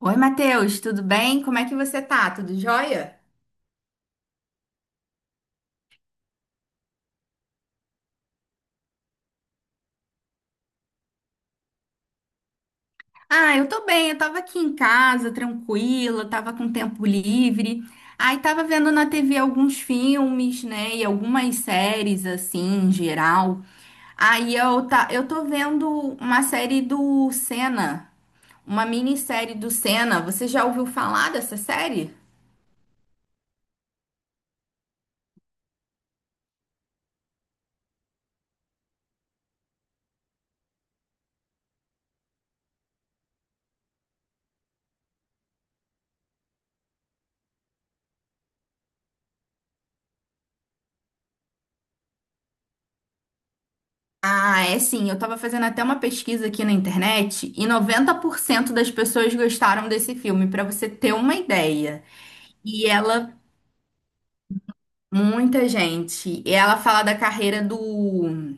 Oi, Matheus, tudo bem? Como é que você tá? Tudo jóia? Ah, eu tô bem, eu tava aqui em casa, tranquila, tava com tempo livre. Aí tava vendo na TV alguns filmes, né, e algumas séries, assim, em geral. Aí tá, eu tô vendo uma série do Senna, uma minissérie do Senna. Você já ouviu falar dessa série? Ah, é sim. Eu tava fazendo até uma pesquisa aqui na internet e 90% das pessoas gostaram desse filme, pra você ter uma ideia. E ela, muita gente, e ela fala da carreira do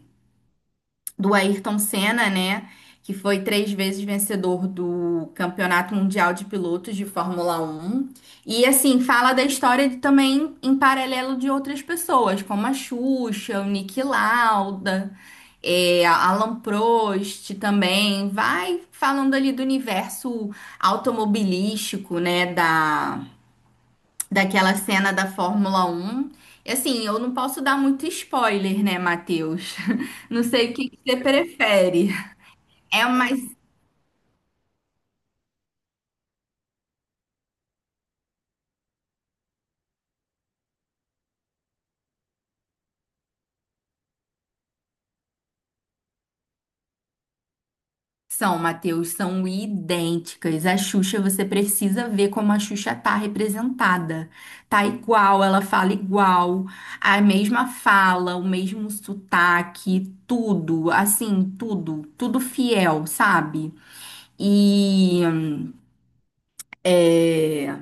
do Ayrton Senna, né? Que foi três vezes vencedor do Campeonato Mundial de Pilotos de Fórmula 1. E assim, fala da história também em paralelo de outras pessoas, como a Xuxa, o Niki Lauda, a Alan Prost também. Vai falando ali do universo automobilístico, né? Daquela cena da Fórmula 1. E assim, eu não posso dar muito spoiler, né, Matheus? Não sei o que que você prefere. É uma. São, Matheus, são idênticas. A Xuxa, você precisa ver como a Xuxa tá representada. Tá igual, ela fala igual, a mesma fala, o mesmo sotaque, tudo, assim, tudo, tudo fiel, sabe? E. é,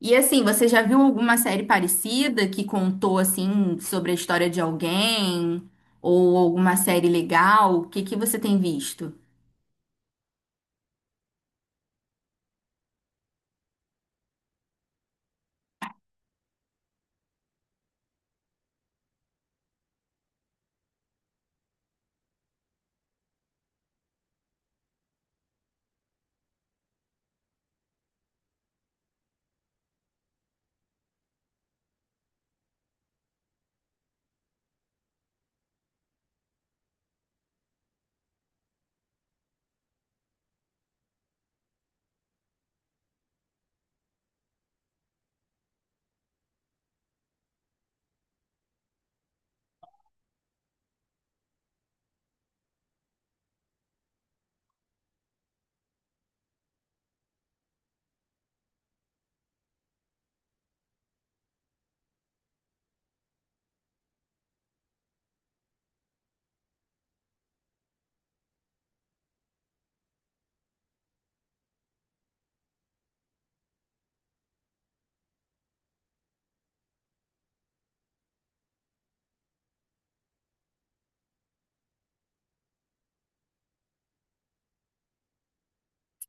E assim, você já viu alguma série parecida que contou assim sobre a história de alguém ou alguma série legal? O que que você tem visto?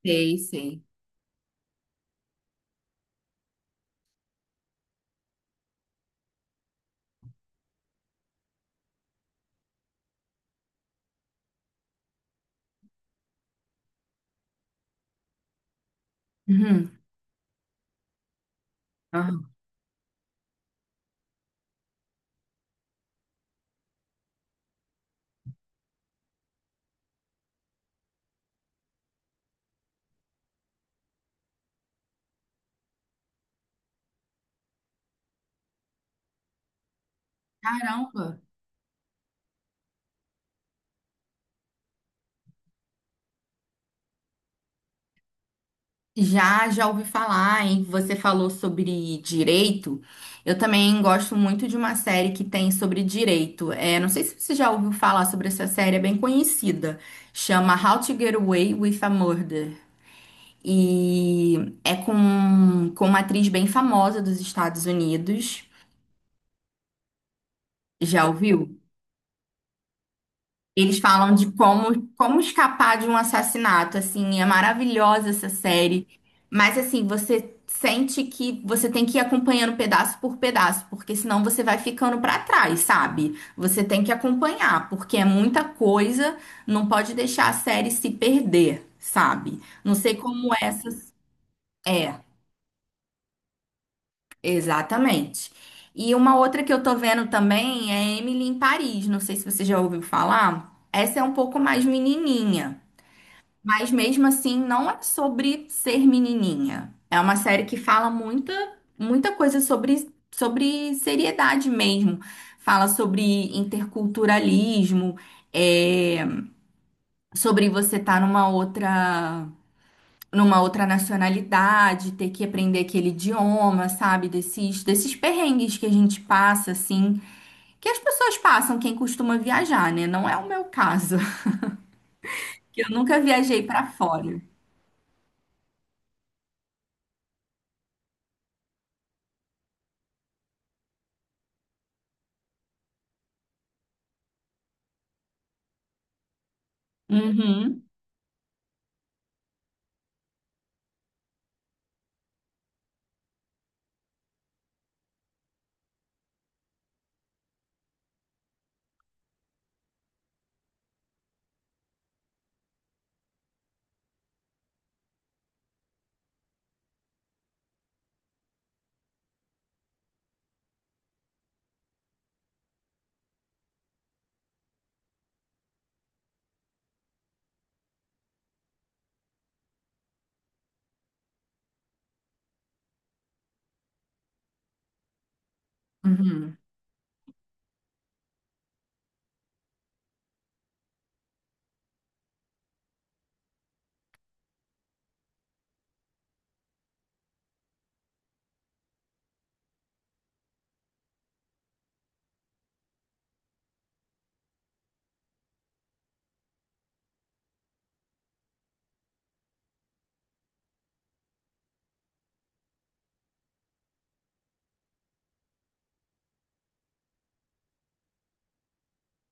Sei, sei. Uhum. Aham. Caramba, já ouvi falar, hein? Você falou sobre direito. Eu também gosto muito de uma série que tem sobre direito. É, não sei se você já ouviu falar sobre essa série, é bem conhecida. Chama How to Get Away with a Murder. E é com uma atriz bem famosa dos Estados Unidos. Já ouviu? Eles falam de como escapar de um assassinato, assim, é maravilhosa essa série. Mas assim, você sente que você tem que ir acompanhando pedaço por pedaço, porque senão você vai ficando pra trás, sabe? Você tem que acompanhar, porque é muita coisa, não pode deixar a série se perder, sabe? Não sei como essa é. Exatamente. E uma outra que eu tô vendo também é Emily em Paris. Não sei se você já ouviu falar. Essa é um pouco mais menininha, mas mesmo assim não é sobre ser menininha. É uma série que fala muita, muita coisa sobre seriedade mesmo. Fala sobre interculturalismo, é, sobre você estar numa outra nacionalidade, ter que aprender aquele idioma, sabe? Desses perrengues que a gente passa, assim, que as pessoas passam, quem costuma viajar, né? Não é o meu caso, que eu nunca viajei pra fora. Uhum. Uhum.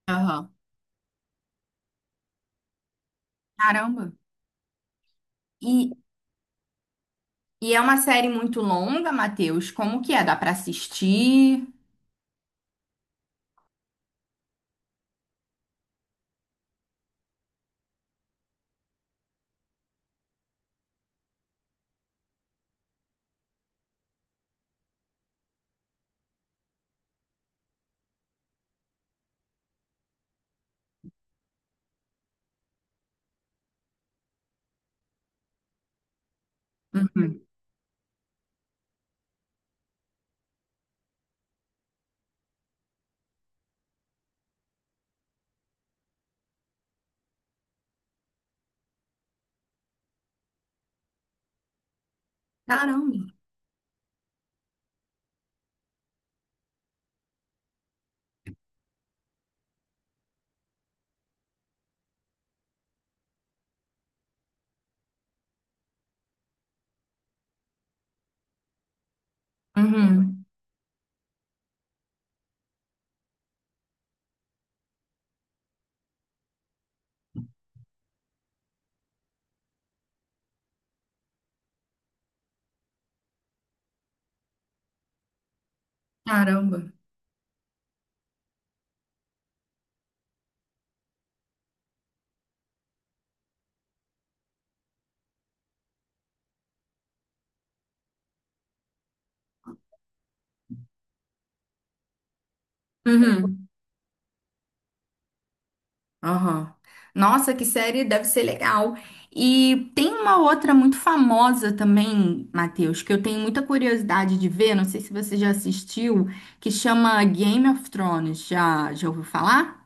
Aham. Caramba. E, e é uma série muito longa, Matheus. Como que é? Dá pra assistir? Uhum. Caramba. Uhum. Caramba. Uhum. Aham. Nossa, que série deve ser legal. E tem uma outra muito famosa também, Matheus, que eu tenho muita curiosidade de ver, não sei se você já assistiu, que chama Game of Thrones. Já ouviu falar?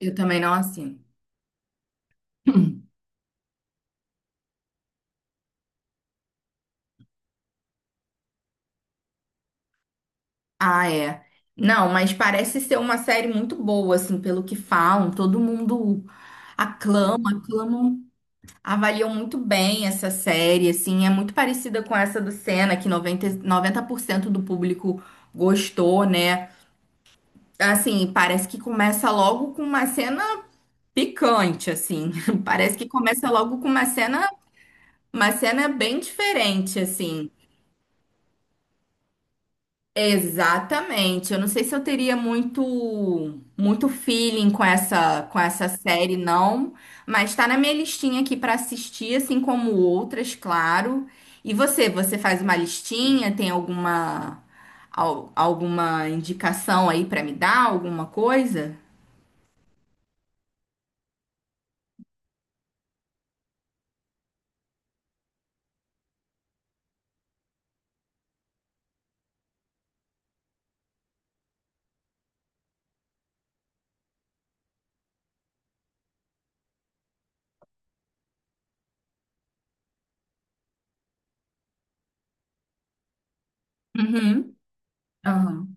Eu também não assim. Ah, é. Não, mas parece ser uma série muito boa, assim, pelo que falam. Todo mundo aclama, aclama. Avaliam muito bem essa série, assim, é muito parecida com essa do Senna, que noventa por cento do público gostou, né? Assim, parece que começa logo com uma cena picante, assim. Parece que começa logo com uma cena bem diferente, assim. Exatamente. Eu não sei se eu teria muito muito feeling com essa série não, mas tá na minha listinha aqui pra assistir, assim como outras, claro. E você faz uma listinha, tem alguma indicação aí pra me dar, alguma coisa? Uhum. Aham.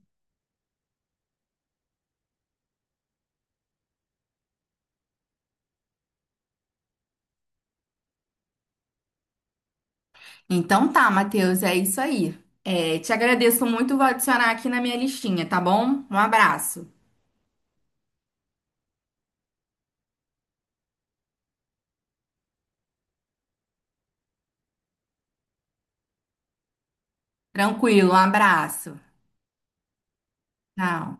Então tá, Matheus, é isso aí. É, te agradeço muito, vou adicionar aqui na minha listinha, tá bom? Um abraço. Tranquilo, um abraço. Tchau.